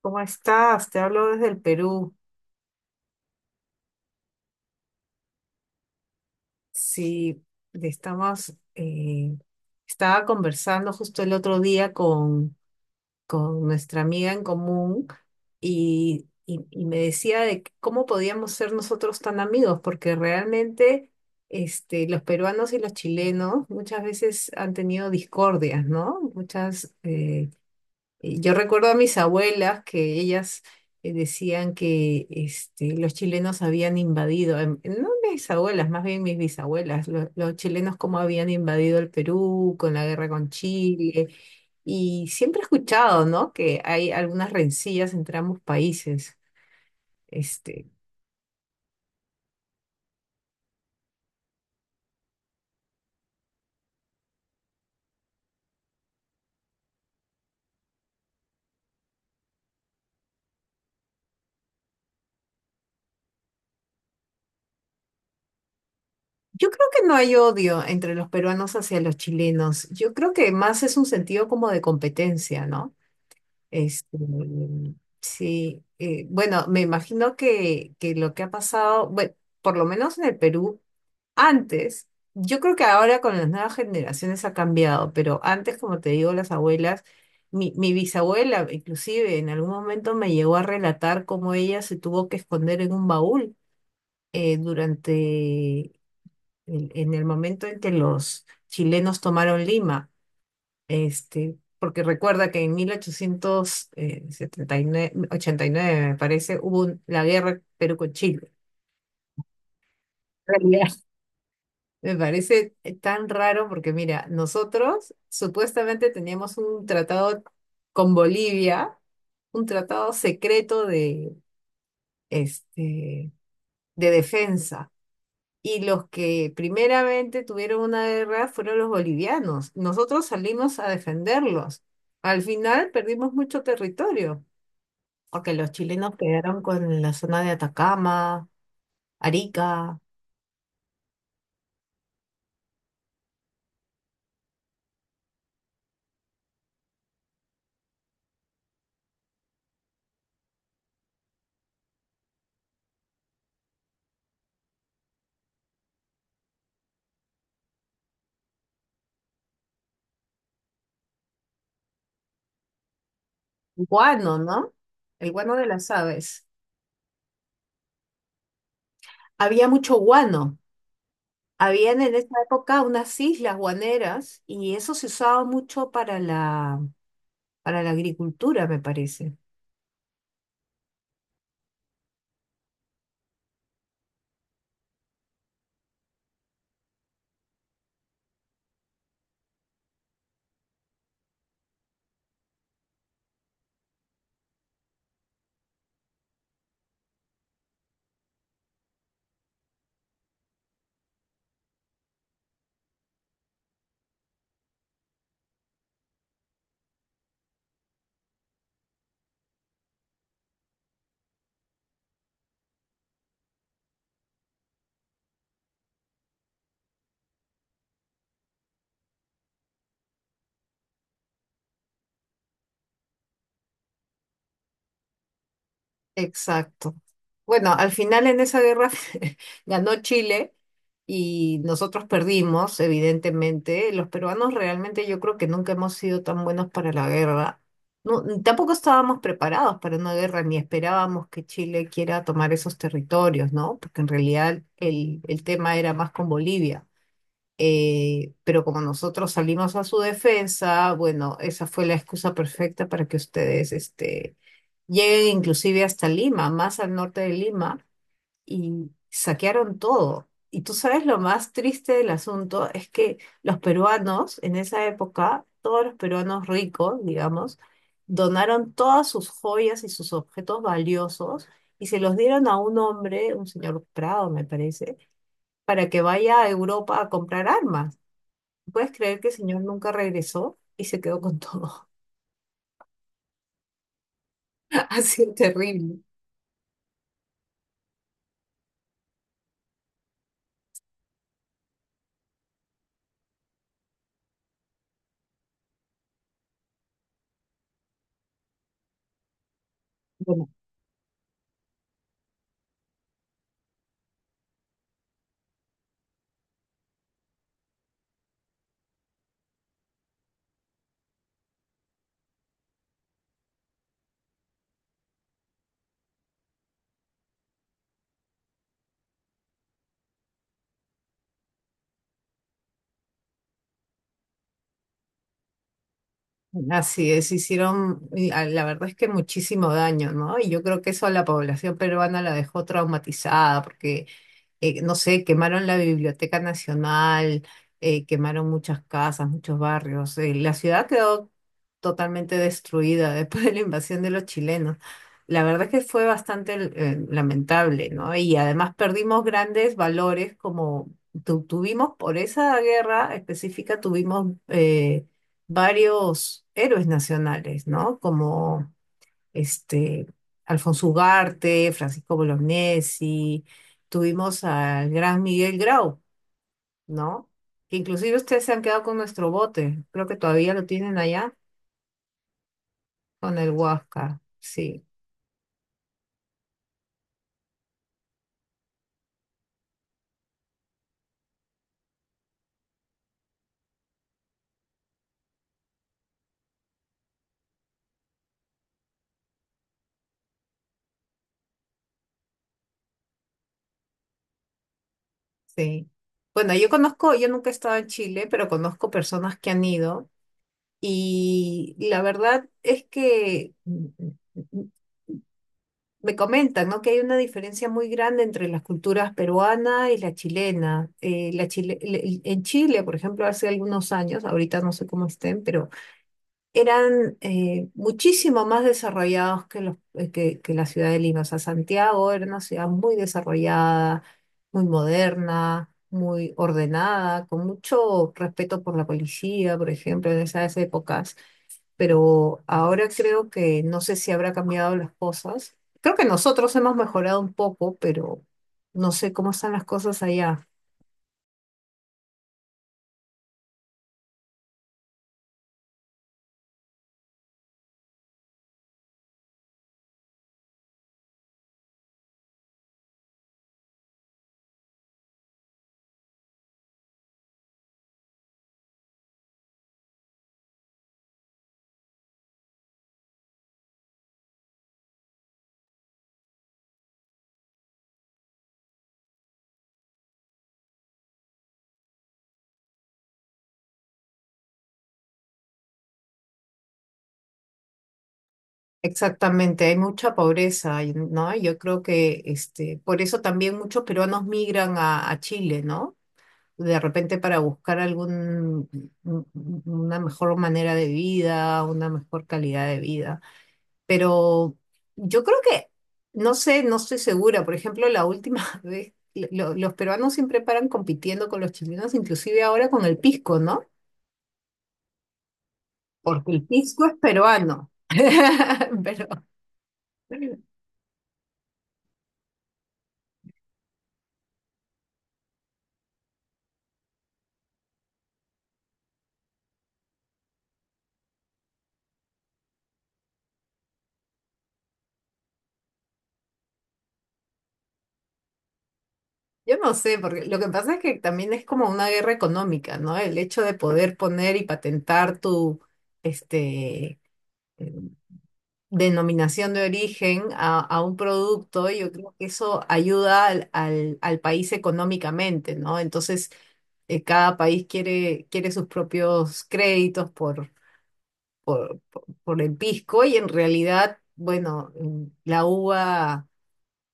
¿Cómo estás? Te hablo desde el Perú. Sí, estamos, eh, estaba conversando justo el otro día con nuestra amiga en común y me decía de que cómo podíamos ser nosotros tan amigos, porque realmente los peruanos y los chilenos muchas veces han tenido discordias, ¿no? Yo recuerdo a mis abuelas que ellas decían que los chilenos habían invadido, no mis abuelas, más bien mis bisabuelas, los chilenos cómo habían invadido el Perú con la guerra con Chile. Y siempre he escuchado, ¿no? Que hay algunas rencillas entre ambos países. Este, yo creo que no hay odio entre los peruanos hacia los chilenos. Yo creo que más es un sentido como de competencia, ¿no? Este, sí, bueno, me imagino que lo que ha pasado, bueno, por lo menos en el Perú, antes, yo creo que ahora con las nuevas generaciones ha cambiado, pero antes, como te digo, las abuelas, mi bisabuela inclusive en algún momento me llegó a relatar cómo ella se tuvo que esconder en un baúl durante, en el momento en que los chilenos tomaron Lima, porque recuerda que en 1879, 89 me parece, hubo la guerra Perú con Chile. Realidad. Me parece tan raro porque, mira, nosotros supuestamente teníamos un tratado con Bolivia, un tratado secreto este, de defensa. Y los que primeramente tuvieron una guerra fueron los bolivianos. Nosotros salimos a defenderlos. Al final perdimos mucho territorio, porque los chilenos quedaron con la zona de Atacama, Arica, guano, ¿no? El guano de las aves. Había mucho guano. Habían en esa época unas islas guaneras y eso se usaba mucho para la agricultura, me parece. Exacto. Bueno, al final en esa guerra ganó Chile y nosotros perdimos, evidentemente. Los peruanos realmente yo creo que nunca hemos sido tan buenos para la guerra. No, tampoco estábamos preparados para una guerra, ni esperábamos que Chile quiera tomar esos territorios, ¿no? Porque en realidad el tema era más con Bolivia. Pero como nosotros salimos a su defensa, bueno, esa fue la excusa perfecta para que ustedes. Llegué inclusive hasta Lima, más al norte de Lima, y saquearon todo. Y tú sabes lo más triste del asunto es que los peruanos, en esa época, todos los peruanos ricos, digamos, donaron todas sus joyas y sus objetos valiosos y se los dieron a un hombre, un señor Prado, me parece, para que vaya a Europa a comprar armas. ¿Puedes creer que el señor nunca regresó y se quedó con todo? Ha sido terrible. Así es, hicieron, y, ah, la verdad es que muchísimo daño, ¿no? Y yo creo que eso a la población peruana la dejó traumatizada, porque no sé, quemaron la Biblioteca Nacional, quemaron muchas casas, muchos barrios. La ciudad quedó totalmente destruida después de la invasión de los chilenos. La verdad es que fue bastante lamentable, ¿no? Y además perdimos grandes valores como tuvimos por esa guerra específica, tuvimos varios héroes nacionales, ¿no? Como este, Alfonso Ugarte, Francisco Bolognesi, tuvimos al gran Miguel Grau, ¿no? Que inclusive ustedes se han quedado con nuestro bote, creo que todavía lo tienen allá, con el Huáscar, sí, sí. Bueno, yo conozco, yo nunca he estado en Chile, pero conozco personas que han ido y la verdad es que me comentan, ¿no? Que hay una diferencia muy grande entre las culturas peruana y la chilena. En Chile, por ejemplo, hace algunos años, ahorita no sé cómo estén, pero eran muchísimo más desarrollados que la ciudad de Lima. O sea, Santiago era una ciudad muy desarrollada, muy moderna, muy ordenada, con mucho respeto por la policía, por ejemplo, en esas épocas. Pero ahora creo que no sé si habrá cambiado las cosas. Creo que nosotros hemos mejorado un poco, pero no sé cómo están las cosas allá. Exactamente, hay mucha pobreza, ¿no? Yo creo que por eso también muchos peruanos migran a Chile, ¿no? De repente para buscar una mejor manera de vida, una mejor calidad de vida. Pero yo creo que, no sé, no estoy segura. Por ejemplo, la última vez, los peruanos siempre paran compitiendo con los chilenos, inclusive ahora con el pisco, ¿no? Porque el pisco es peruano. Pero yo no sé, porque lo que pasa es que también es como una guerra económica, ¿no? El hecho de poder poner y patentar tu este, eh, denominación de origen a un producto, yo creo que eso ayuda al país económicamente, ¿no? Entonces, cada país quiere sus propios créditos por, por el pisco y en realidad, bueno, la uva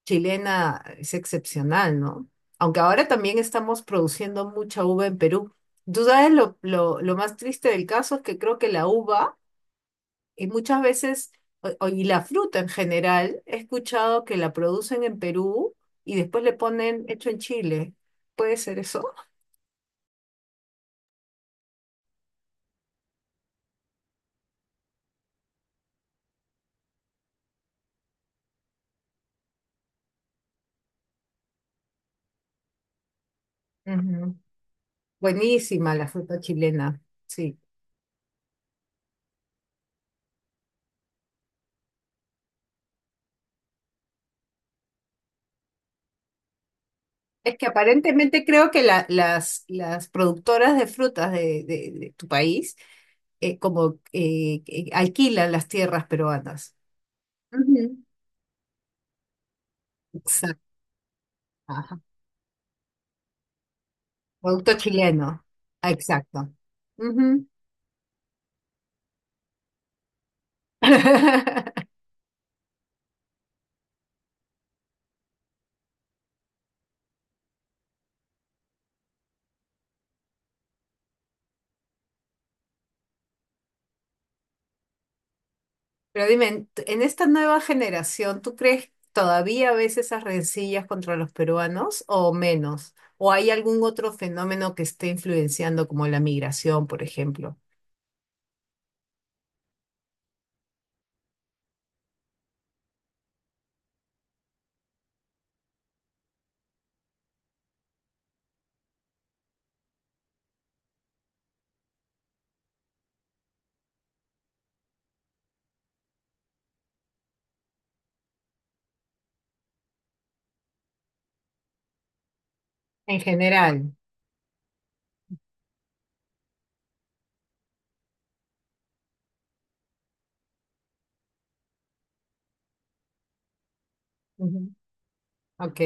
chilena es excepcional, ¿no? Aunque ahora también estamos produciendo mucha uva en Perú. Tú sabes lo más triste del caso es que creo que la uva, y muchas veces, y la fruta en general, he escuchado que la producen en Perú y después le ponen hecho en Chile. ¿Puede ser eso? Ujú. Buenísima la fruta chilena, sí. Es que aparentemente creo que las productoras de frutas de tu país como que alquilan las tierras peruanas. Ujú. Exacto. Ajá. Producto chileno. Ah, exacto. Ujú. Pero dime, en esta nueva generación, ¿tú crees todavía ves esas rencillas contra los peruanos o menos? ¿O hay algún otro fenómeno que esté influenciando como la migración, por ejemplo? En general. Ujú. Ok.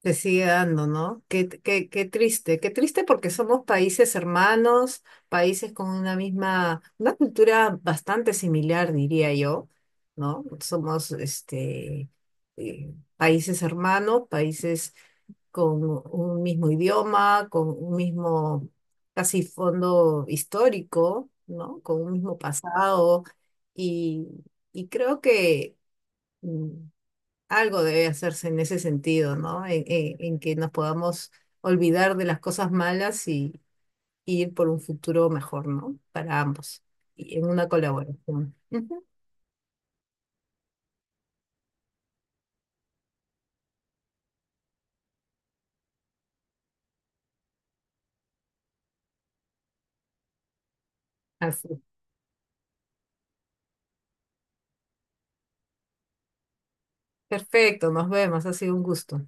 Te sigue dando, ¿no? Qué, qué, qué triste porque somos países hermanos, países con una misma, una cultura bastante similar, diría yo, ¿no? Somos países hermanos, países con un mismo idioma, con un mismo casi fondo histórico, ¿no? Con un mismo pasado y, y creo que mm, algo debe hacerse en ese sentido, ¿no? En que nos podamos olvidar de las cosas malas y ir por un futuro mejor, ¿no? Para ambos. Y en una colaboración. Ujú. Así. Perfecto, nos vemos. Ha sido un gusto.